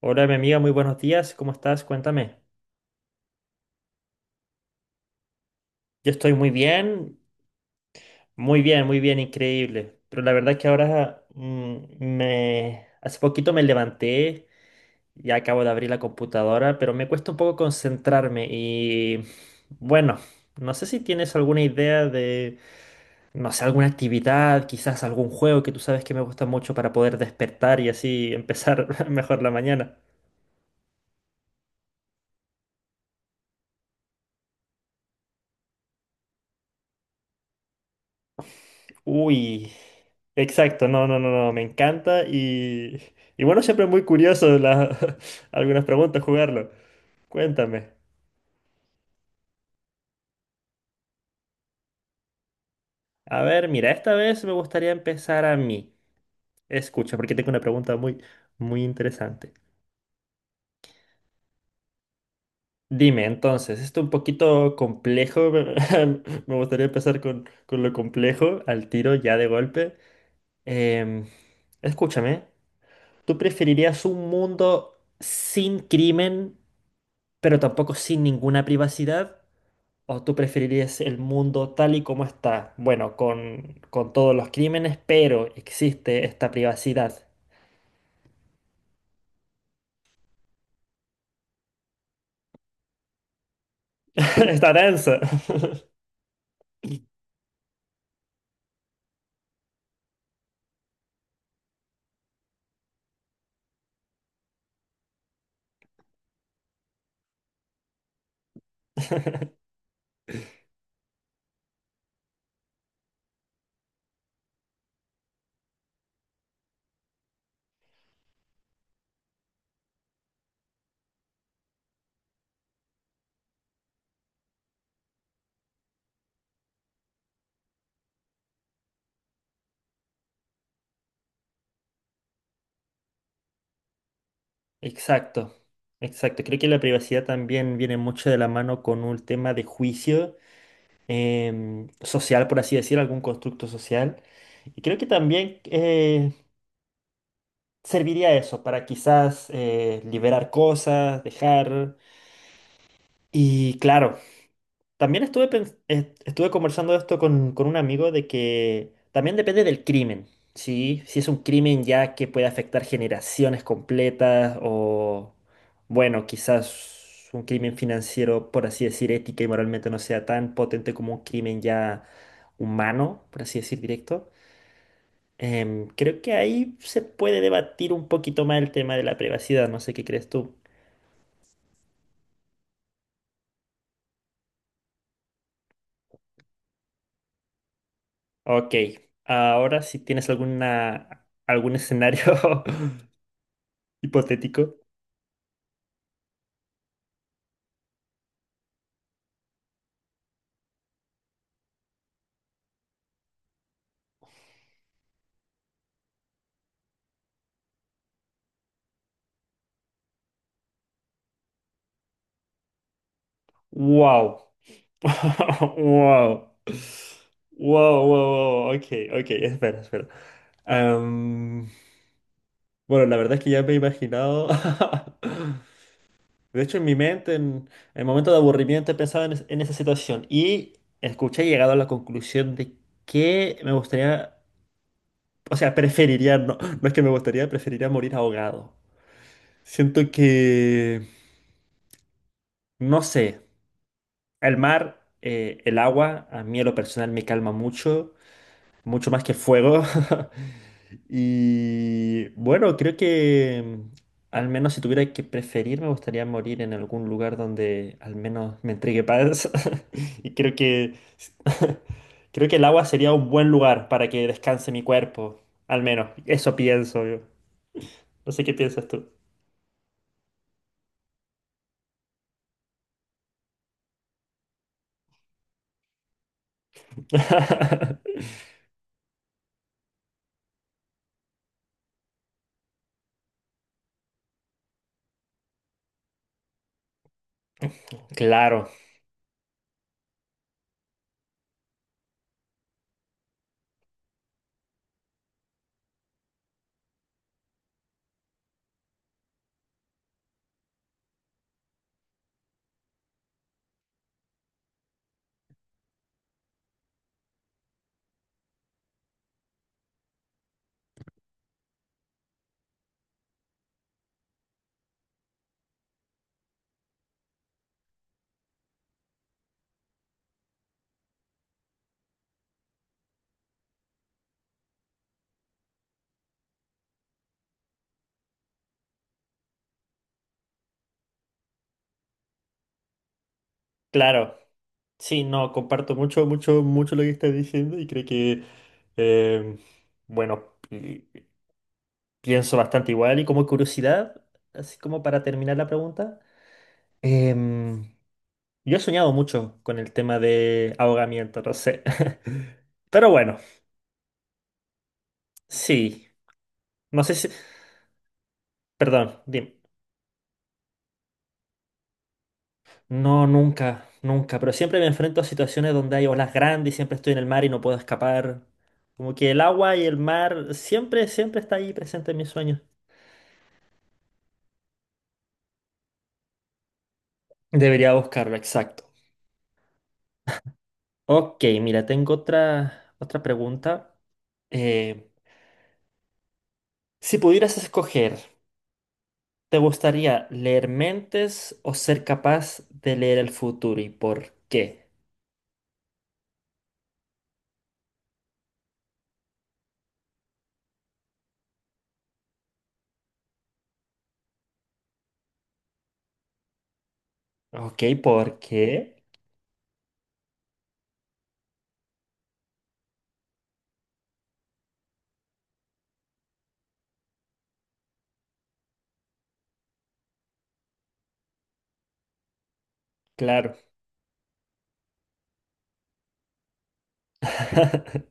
Hola, mi amiga, muy buenos días. ¿Cómo estás? Cuéntame. Yo estoy muy bien, muy bien, muy bien, increíble. Pero la verdad es que ahora me hace poquito me levanté, ya acabo de abrir la computadora, pero me cuesta un poco concentrarme y bueno, no sé si tienes alguna idea de, no sé, alguna actividad, quizás algún juego que tú sabes que me gusta mucho para poder despertar y así empezar mejor la mañana. Uy, exacto, no, no, no, no, me encanta y bueno, siempre es muy curioso algunas preguntas jugarlo. Cuéntame. A ver, mira, esta vez me gustaría empezar a mí. Escucha, porque tengo una pregunta muy, muy interesante. Dime, entonces, esto es un poquito complejo, me gustaría empezar con lo complejo, al tiro, ya de golpe. Em, Escúchame, ¿tú preferirías un mundo sin crimen, pero tampoco sin ninguna privacidad? ¿O tú preferirías el mundo tal y como está? Bueno, con todos los crímenes, pero existe esta privacidad. Está denso. Exacto, exacto. Creo que la privacidad también viene mucho de la mano con un tema de juicio social, por así decir, algún constructo social. Y creo que también serviría eso para quizás liberar cosas, dejar. Y claro, también estuve conversando esto con un amigo de que también depende del crimen, ¿sí? Si es un crimen ya que puede afectar generaciones completas o, bueno, quizás un crimen financiero, por así decir, ética y moralmente no sea tan potente como un crimen ya humano, por así decir, directo. Creo que ahí se puede debatir un poquito más el tema de la privacidad, no sé qué crees tú. Ok, ahora si tienes alguna, algún escenario hipotético. Wow. Wow. Wow, wow, wow. Ok, ok, espera, espera. Am, bueno, la verdad es que ya me he imaginado. De hecho, en mi mente, en el momento de aburrimiento, he pensado en esa situación y escuché y he llegado a la conclusión de que me gustaría, o sea, preferiría, no, no es que me gustaría, preferiría morir ahogado. Siento que, no sé. El mar, el agua, a mí a lo personal me calma mucho, mucho más que el fuego. Y bueno, creo que al menos si tuviera que preferir, me gustaría morir en algún lugar donde al menos me entregue paz. Y creo que creo que el agua sería un buen lugar para que descanse mi cuerpo, al menos. Eso pienso yo. No sé qué piensas tú. Claro, claro. Sí, no, comparto mucho, mucho, mucho lo que estás diciendo y creo que, eh, bueno, pienso bastante igual y como curiosidad, así como para terminar la pregunta, em, yo he soñado mucho con el tema de ahogamiento, no sé. Pero bueno, sí, no sé si, perdón, dime. No, nunca, nunca, pero siempre me enfrento a situaciones donde hay olas grandes y siempre estoy en el mar y no puedo escapar. Como que el agua y el mar siempre, siempre está ahí presente en mis sueños. Debería buscarlo, exacto. Ok, mira, tengo otra, otra pregunta. Eh, si pudieras escoger, ¿te gustaría leer mentes o ser capaz de leer el futuro y por qué? Ok, ¿por qué? Claro.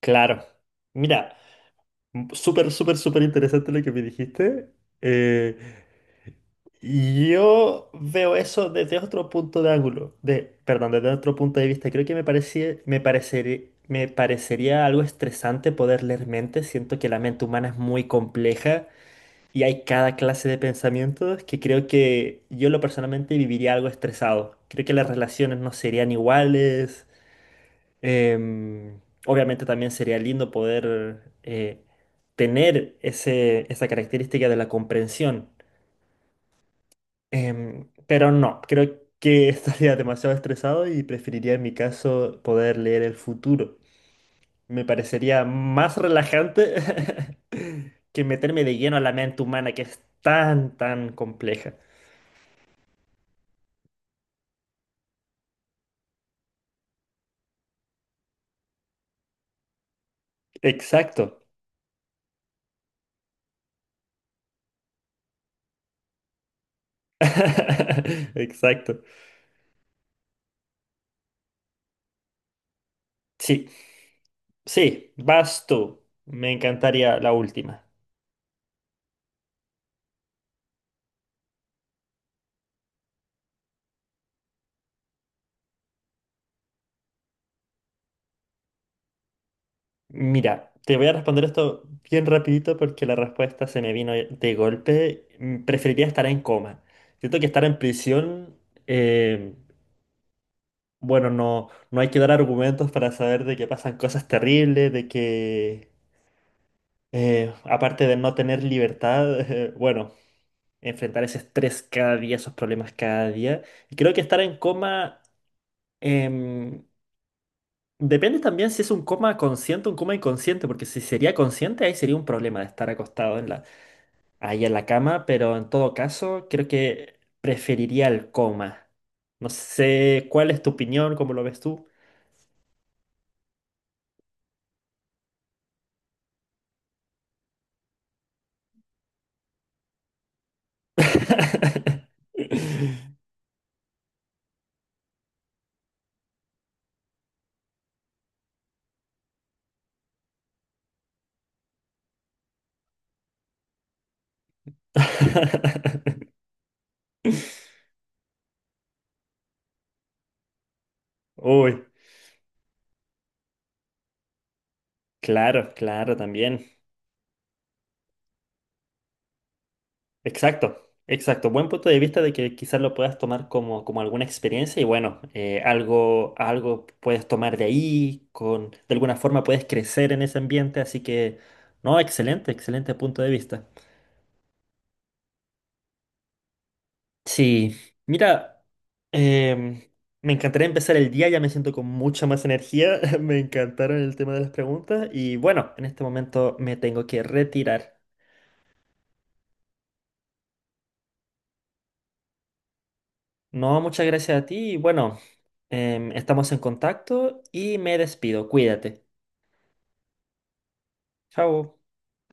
Claro. Mira, súper, súper, súper interesante lo que me dijiste. Eh, Yo veo eso desde otro punto de ángulo, de, perdón, desde otro punto de vista. Creo que me parecería algo estresante poder leer mentes. Siento que la mente humana es muy compleja y hay cada clase de pensamientos que creo que yo lo personalmente viviría algo estresado. Creo que las relaciones no serían iguales. Em, obviamente también sería lindo poder tener ese, esa característica de la comprensión. Pero no, creo que estaría demasiado estresado y preferiría en mi caso poder leer el futuro. Me parecería más relajante que meterme de lleno a la mente humana que es tan, tan compleja. Exacto. Exacto. Sí, sí, vas tú. Me encantaría la última. Mira, te voy a responder esto bien rapidito porque la respuesta se me vino de golpe. Mm, preferiría estar en coma. Siento que estar en prisión, eh, bueno, no, no hay que dar argumentos para saber de que pasan cosas terribles, de que, aparte de no tener libertad, bueno, enfrentar ese estrés cada día, esos problemas cada día. Y creo que estar en coma... em, depende también si es un coma consciente o un coma inconsciente, porque si sería consciente, ahí sería un problema de estar acostado en la, ahí en la cama, pero en todo caso creo que preferiría el coma. No sé cuál es tu opinión, cómo lo ves tú. Uy, claro, claro, también. Exacto, exacto. Buen punto de vista de que quizás lo puedas tomar como, como alguna experiencia y bueno, algo, algo puedes tomar de ahí, con, de alguna forma puedes crecer en ese ambiente, así que, no, excelente, excelente punto de vista. Sí, mira, em, me encantaría empezar el día, ya me siento con mucha más energía, me encantaron el tema de las preguntas y bueno, en este momento me tengo que retirar. No, muchas gracias a ti y bueno, estamos en contacto y me despido, cuídate. Chao.